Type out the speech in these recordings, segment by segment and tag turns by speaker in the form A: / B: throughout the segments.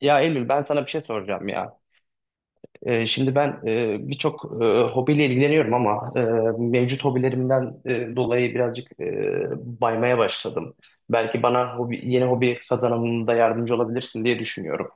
A: Ya Eylül, ben sana bir şey soracağım ya. Şimdi ben birçok hobiyle ilgileniyorum ama mevcut hobilerimden dolayı birazcık baymaya başladım. Belki bana hobi, yeni hobi kazanımında yardımcı olabilirsin diye düşünüyorum.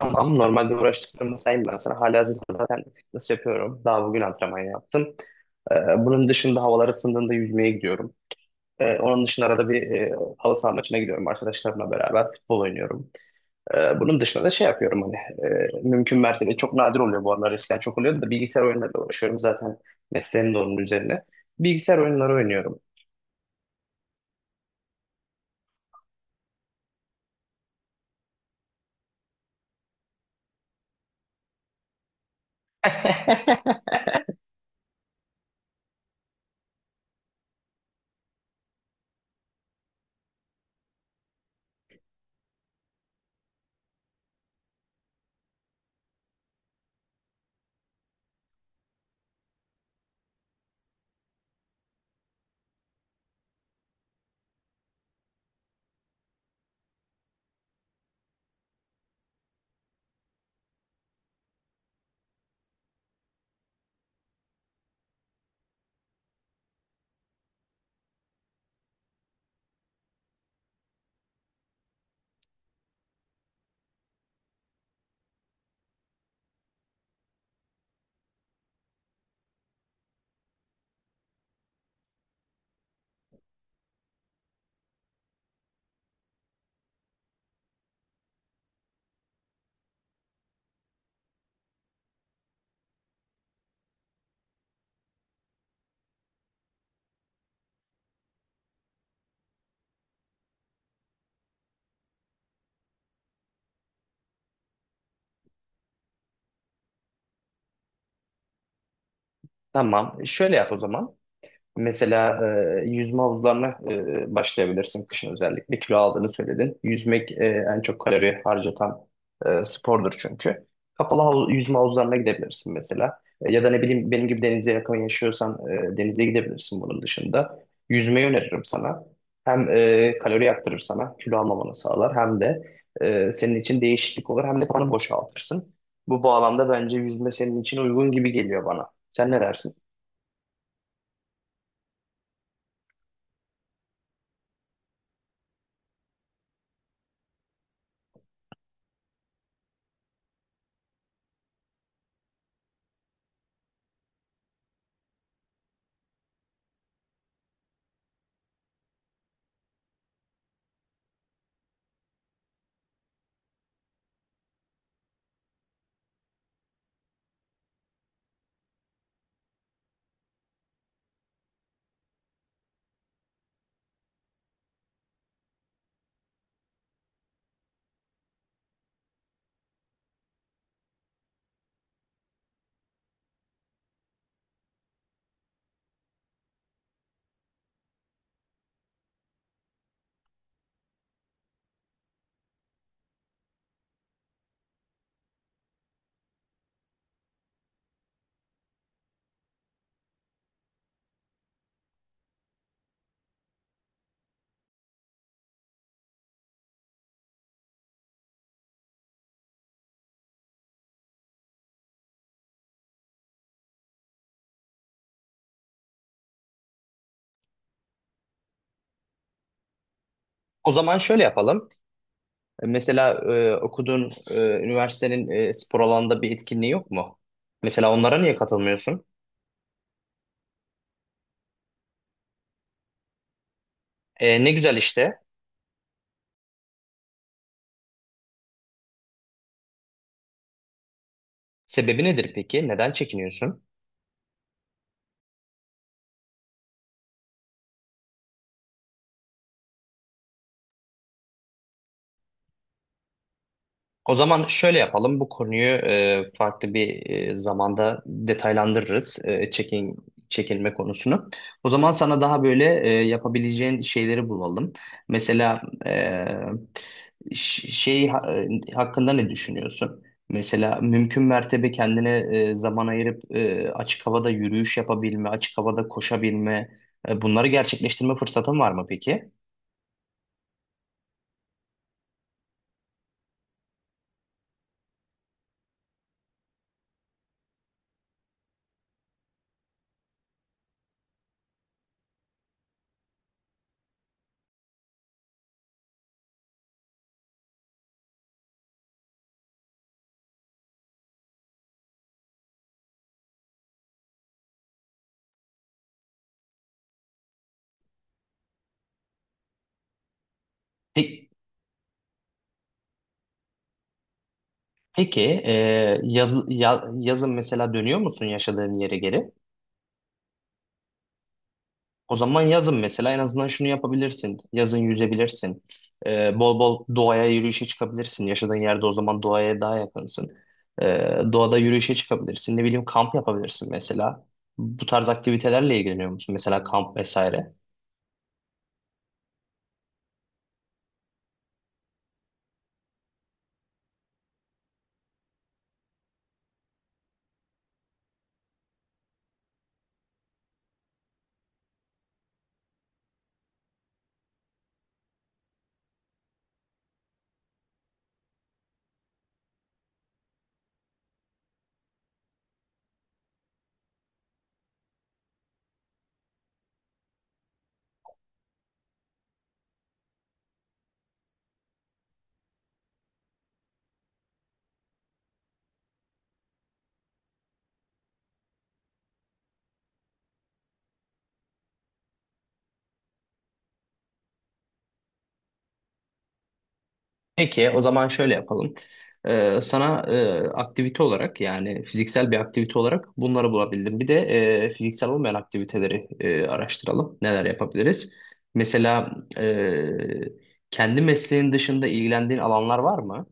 A: Ama normalde uğraştıklarımı sayayım ben sana. Halihazırda zaten nasıl yapıyorum? Daha bugün antrenman yaptım. Bunun dışında havalar ısındığında yüzmeye gidiyorum. Onun dışında arada bir halı saha maçına gidiyorum arkadaşlarımla beraber. Futbol oynuyorum. Bunun dışında da şey yapıyorum hani mümkün mertebe çok nadir oluyor bu aralar, eskiden çok oluyordu da bilgisayar oyunlarıyla uğraşıyorum, zaten mesleğim de onun üzerine. Bilgisayar oyunları oynuyorum. Tamam, şöyle yap o zaman. Mesela yüzme havuzlarına başlayabilirsin kışın özellikle. Kilo aldığını söyledin. Yüzmek en çok kalori harcatan spordur çünkü. Kapalı havuz, yüzme havuzlarına gidebilirsin mesela. E, ya da ne bileyim, benim gibi denize yakın yaşıyorsan denize gidebilirsin bunun dışında. Yüzmeyi öneririm sana. Hem kalori yaktırır sana, kilo almamanı sağlar. Hem de senin için değişiklik olur. Hem de kanı boşaltırsın. Bu bağlamda bence yüzme senin için uygun gibi geliyor bana. Sen ne dersin? O zaman şöyle yapalım. Mesela okuduğun üniversitenin spor alanında bir etkinliği yok mu? Mesela onlara niye katılmıyorsun? E, ne güzel işte. Sebebi nedir peki? Neden çekiniyorsun? O zaman şöyle yapalım. Bu konuyu farklı bir zamanda detaylandırırız. E, çekilme konusunu. O zaman sana daha böyle yapabileceğin şeyleri bulalım. Mesela e, ş- şey ha- hakkında ne düşünüyorsun? Mesela mümkün mertebe kendine zaman ayırıp açık havada yürüyüş yapabilme, açık havada koşabilme, bunları gerçekleştirme fırsatın var mı peki? Peki. Peki, yazın mesela dönüyor musun yaşadığın yere geri? O zaman yazın mesela en azından şunu yapabilirsin. Yazın yüzebilirsin. E, bol bol doğaya yürüyüşe çıkabilirsin. Yaşadığın yerde o zaman doğaya daha yakınsın. E, doğada yürüyüşe çıkabilirsin. Ne bileyim, kamp yapabilirsin mesela. Bu tarz aktivitelerle ilgileniyor musun? Mesela kamp vesaire. Peki, o zaman şöyle yapalım. Sana aktivite olarak, yani fiziksel bir aktivite olarak, bunları bulabildim. Bir de fiziksel olmayan aktiviteleri araştıralım. Neler yapabiliriz? Mesela kendi mesleğin dışında ilgilendiğin alanlar var mı?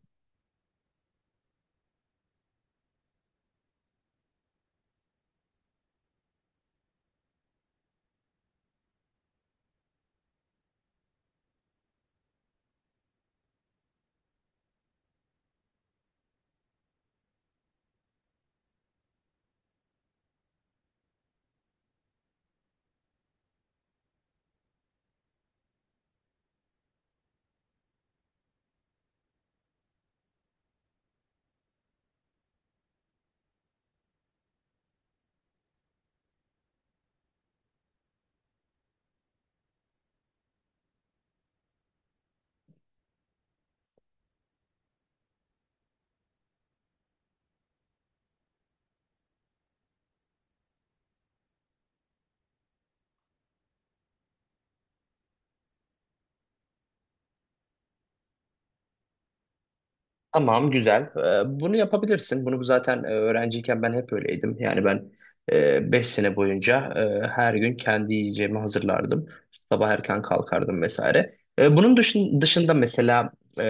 A: Tamam, güzel. Bunu yapabilirsin. Bunu zaten öğrenciyken ben hep öyleydim. Yani ben 5 sene boyunca her gün kendi yiyeceğimi hazırlardım. Sabah erken kalkardım vesaire. E, bunun dışında mesela e,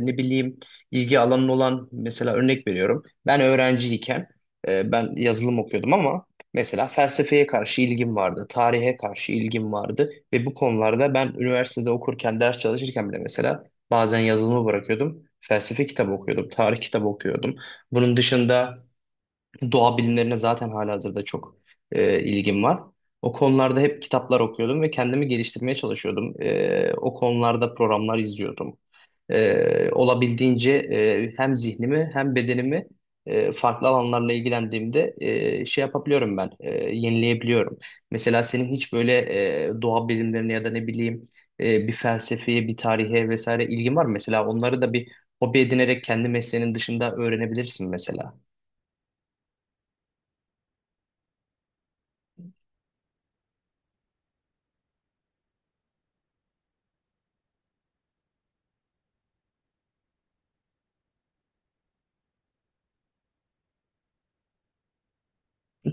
A: ne bileyim, ilgi alanın olan, mesela örnek veriyorum. Ben öğrenciyken ben yazılım okuyordum ama mesela felsefeye karşı ilgim vardı. Tarihe karşı ilgim vardı. Ve bu konularda ben üniversitede okurken, ders çalışırken bile mesela bazen yazılımı bırakıyordum. Felsefe kitabı okuyordum. Tarih kitabı okuyordum. Bunun dışında doğa bilimlerine zaten halihazırda çok ilgim var. O konularda hep kitaplar okuyordum ve kendimi geliştirmeye çalışıyordum. E, o konularda programlar izliyordum. E, olabildiğince hem zihnimi hem bedenimi farklı alanlarla ilgilendiğimde şey yapabiliyorum ben, yenileyebiliyorum. Mesela senin hiç böyle doğa bilimlerine ya da ne bileyim bir felsefeye, bir tarihe vesaire ilgin var mı? Mesela onları da bir hobi edinerek kendi mesleğinin dışında öğrenebilirsin mesela.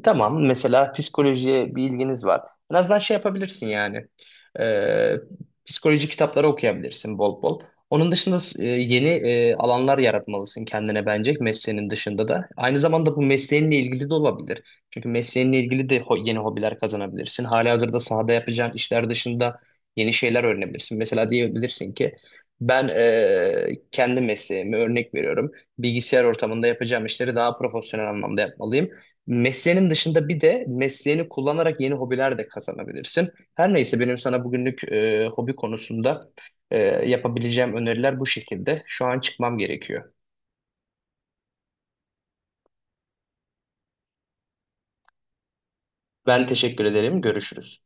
A: Tamam. Mesela psikolojiye bir ilginiz var. En azından şey yapabilirsin yani. Ee, Psikoloji kitapları okuyabilirsin bol bol. Onun dışında yeni alanlar yaratmalısın kendine bence, mesleğinin dışında da. Aynı zamanda bu mesleğinle ilgili de olabilir. Çünkü mesleğinle ilgili de yeni hobiler kazanabilirsin. Halihazırda sahada yapacağın işler dışında yeni şeyler öğrenebilirsin. Mesela diyebilirsin ki ben kendi mesleğimi örnek veriyorum. Bilgisayar ortamında yapacağım işleri daha profesyonel anlamda yapmalıyım. Mesleğinin dışında bir de mesleğini kullanarak yeni hobiler de kazanabilirsin. Her neyse, benim sana bugünlük hobi konusunda e, yapabileceğim öneriler bu şekilde. Şu an çıkmam gerekiyor. Ben teşekkür ederim. Görüşürüz.